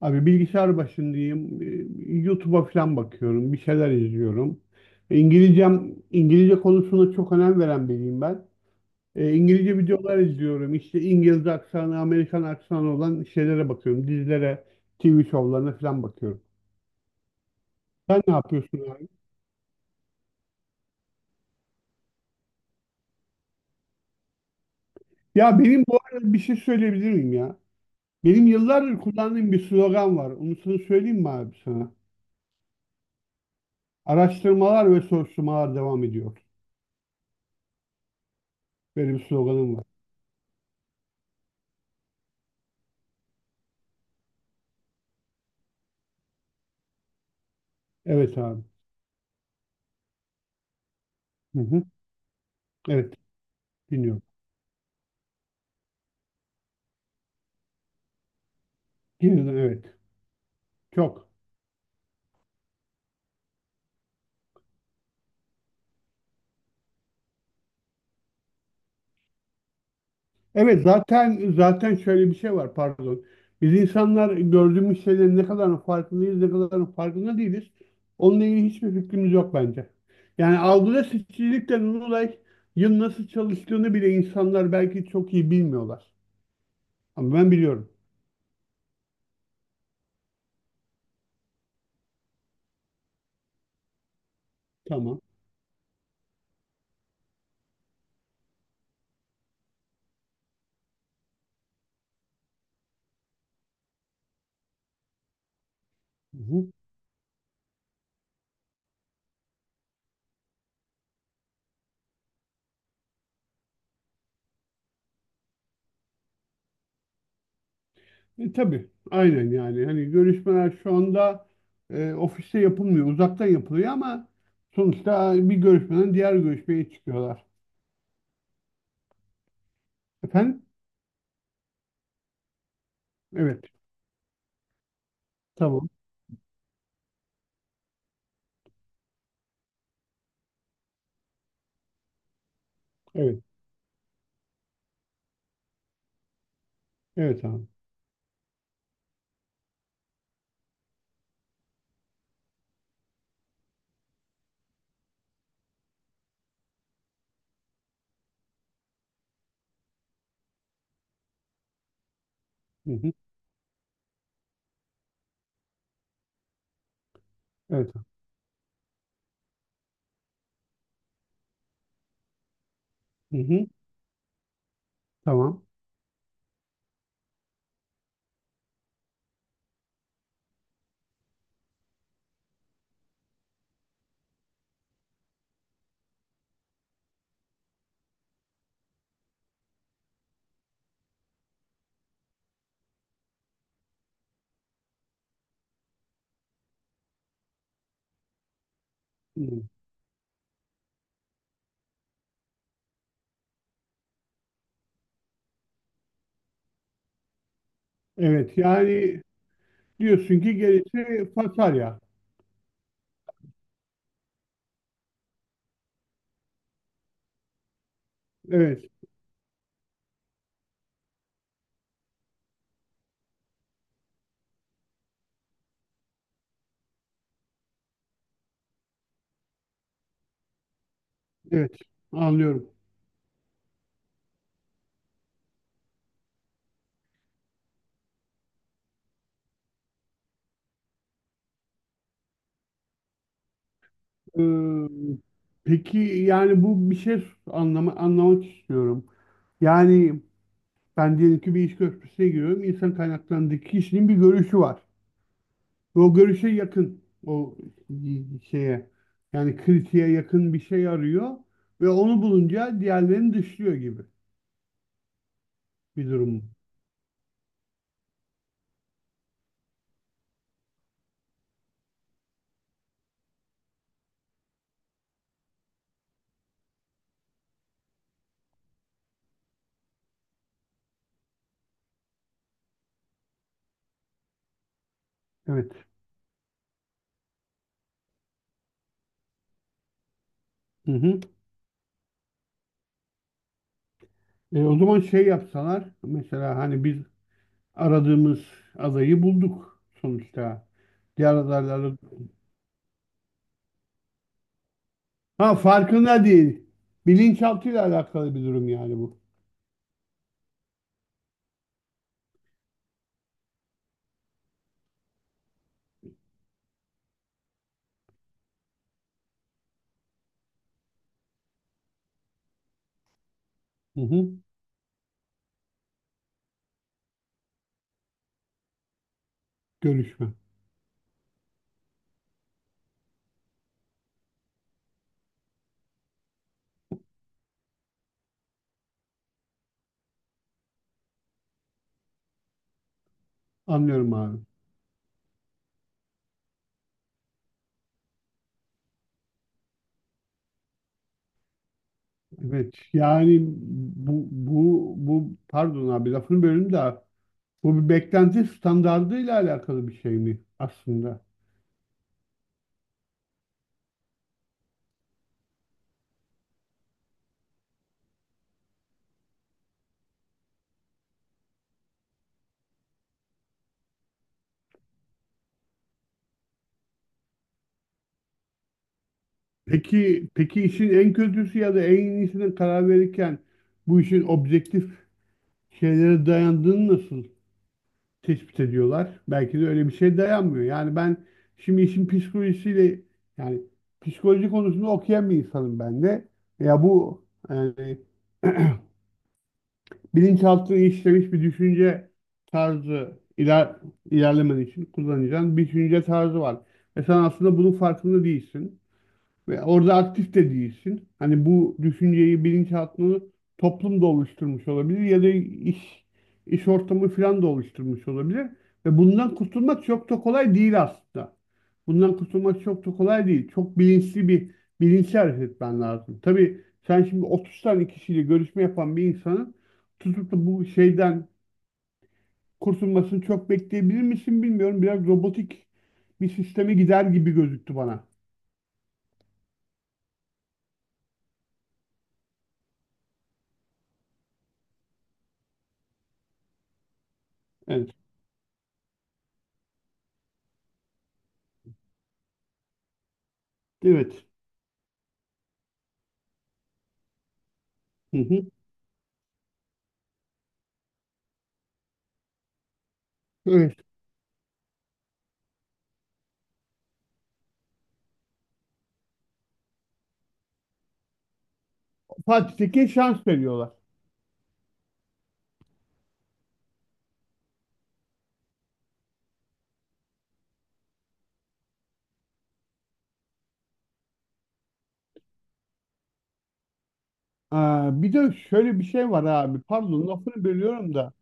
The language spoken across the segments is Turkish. Abi bilgisayar başındayım. YouTube'a falan bakıyorum. Bir şeyler izliyorum. İngilizcem, İngilizce konusuna çok önem veren biriyim ben. İngilizce videolar izliyorum. İşte İngiliz aksanı, Amerikan aksanı olan şeylere bakıyorum. Dizilere, TV şovlarına falan bakıyorum. Sen ne yapıyorsun abi? Ya benim bu arada bir şey söyleyebilir miyim ya? Benim yıllardır kullandığım bir slogan var. Onu sana söyleyeyim mi abi sana? Araştırmalar ve soruşturmalar devam ediyor. Böyle bir sloganım var. Evet abi. Hı hı. Evet. Dinliyorum. Yeniden, evet. Çok. Evet zaten şöyle bir şey var pardon. Biz insanlar gördüğümüz şeylerin ne kadarının farkındayız, ne kadarının farkında değiliz. Onunla ilgili hiçbir fikrimiz yok bence. Yani algıda seçicilikle olay yıl nasıl çalıştığını bile insanlar belki çok iyi bilmiyorlar. Ama ben biliyorum. Tamam. Hı hı. E, tabii. Aynen yani. Hani görüşmeler şu anda ofiste yapılmıyor. Uzaktan yapılıyor ama sonuçta bir görüşmeden diğer görüşmeye çıkıyorlar. Efendim? Evet. Tamam. Evet. Evet abi. Hı hı. Evet abi. Hı hı. Tamam. Hı. Evet. Yani diyorsun ki gerisi fasulye. Evet. Evet. Anlıyorum. Ee, peki yani bu bir şey anlama, anlamak istiyorum. Yani ben diyelim ki bir iş görüşmesine giriyorum. İnsan kaynaklarındaki kişinin bir görüşü var. Ve o görüşe yakın. O şeye yani kritiğe yakın bir şey arıyor. Ve onu bulunca diğerlerini dışlıyor gibi bir durum. Evet. Hı hı. E, o zaman şey yapsalar mesela hani biz aradığımız adayı bulduk sonuçta. Diğer adaylarla ha farkında değil. Bilinçaltıyla alakalı bir durum yani bu. Hı hı. Görüşme. Anlıyorum abi. Evet yani bu pardon abi lafını bölüm de bu bir beklenti standardıyla alakalı bir şey mi aslında? Peki peki işin en kötüsü ya da en iyisine karar verirken bu işin objektif şeylere dayandığını nasıl tespit ediyorlar? Belki de öyle bir şey dayanmıyor. Yani ben şimdi işin psikolojisiyle yani psikoloji konusunu okuyan bir insanım ben de. Ya bu yani bilinçaltına işlemiş bir düşünce tarzı iler, ilerlemen için kullanacağın bir düşünce tarzı var. Ve sen aslında bunun farkında değilsin. Ve orada aktif de değilsin. Hani bu düşünceyi, bilinçaltını toplum da oluşturmuş olabilir ya da iş ortamı falan da oluşturmuş olabilir. Ve bundan kurtulmak çok da kolay değil aslında. Bundan kurtulmak çok da kolay değil. Çok bilinçli bir bilinçli hareket etmen lazım. Tabii sen şimdi 30 tane kişiyle görüşme yapan bir insanın tutup da bu şeyden kurtulmasını çok bekleyebilir misin bilmiyorum. Biraz robotik bir sisteme gider gibi gözüktü bana. Evet. Evet. Hı hı. Evet. Fatih Tekke şans veriyorlar. Aa, bir de şöyle bir şey var abi. Pardon lafını bölüyorum da.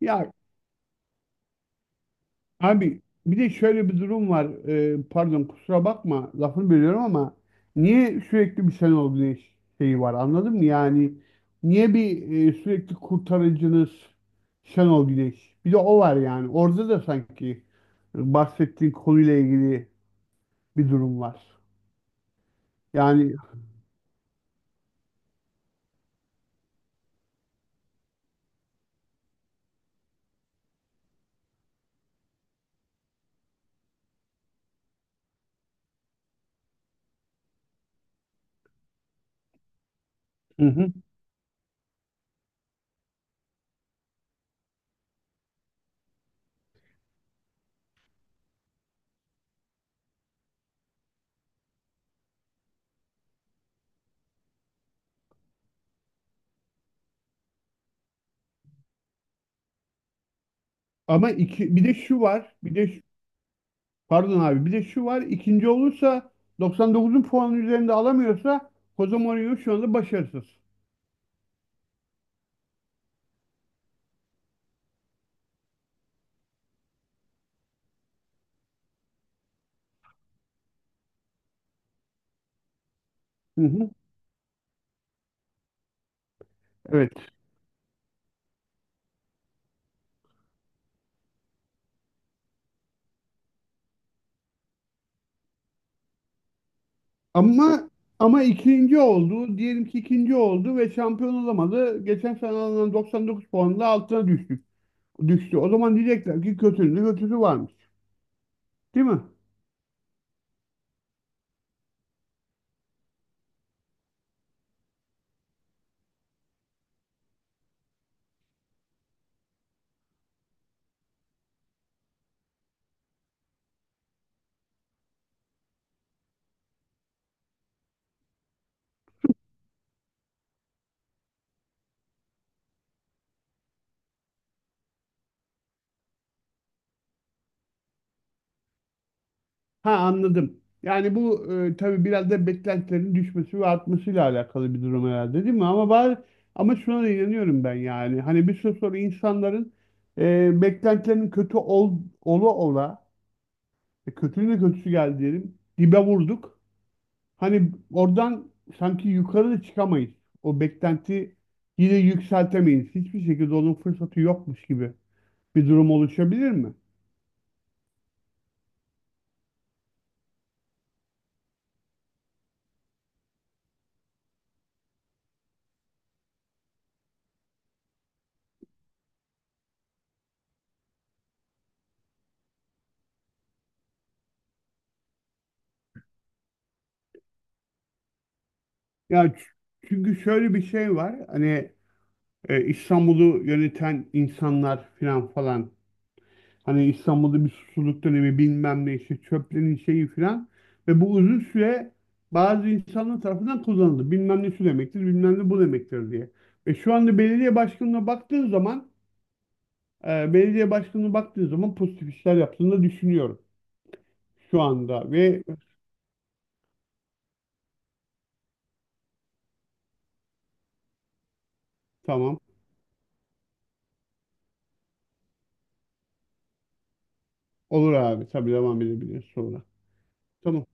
Ya abi bir de şöyle bir durum var. Pardon kusura bakma lafını bölüyorum ama niye sürekli bir Şenol Güneş şeyi var anladın mı? Yani niye bir sürekli kurtarıcınız Şenol Güneş? Bir de o var yani. Orada da sanki bahsettiğin konuyla ilgili bir durum var. Yani hı hı. Ama iki, bir de şu var. Bir de pardon abi. Bir de şu var. İkinci olursa 99'un puanı üzerinde alamıyorsa Jose Mourinho şu anda başarısız. Hı hı. Evet. Ama ama ikinci oldu. Diyelim ki ikinci oldu ve şampiyon olamadı. Geçen sene alınan 99 puanla altına düştük. Düştü. O zaman diyecekler ki kötünün de kötüsü varmış. Değil mi? Ha anladım. Yani bu tabii biraz da beklentilerin düşmesi ve artmasıyla alakalı bir durum herhalde değil mi? Ama bari, ama şuna da inanıyorum ben yani. Hani bir süre sonra insanların beklentilerinin kötü ol, ola ola, kötünün de kötüsü geldi diyelim, dibe vurduk. Hani oradan sanki yukarı da çıkamayız. O beklenti yine yükseltemeyiz. Hiçbir şekilde onun fırsatı yokmuş gibi bir durum oluşabilir mi? Ya ç- çünkü şöyle bir şey var. Hani İstanbul'u yöneten insanlar filan falan. Hani İstanbul'da bir susuzluk dönemi bilmem ne işte çöplerin şeyi filan. Ve bu uzun süre bazı insanlar tarafından kullanıldı. Bilmem ne şu demektir, bilmem ne bu demektir diye. Ve şu anda belediye başkanına baktığın zaman belediye başkanına baktığın zaman pozitif işler yaptığını da düşünüyorum şu anda. Ve tamam olur abi tabii devam edebiliriz sonra. Tamam.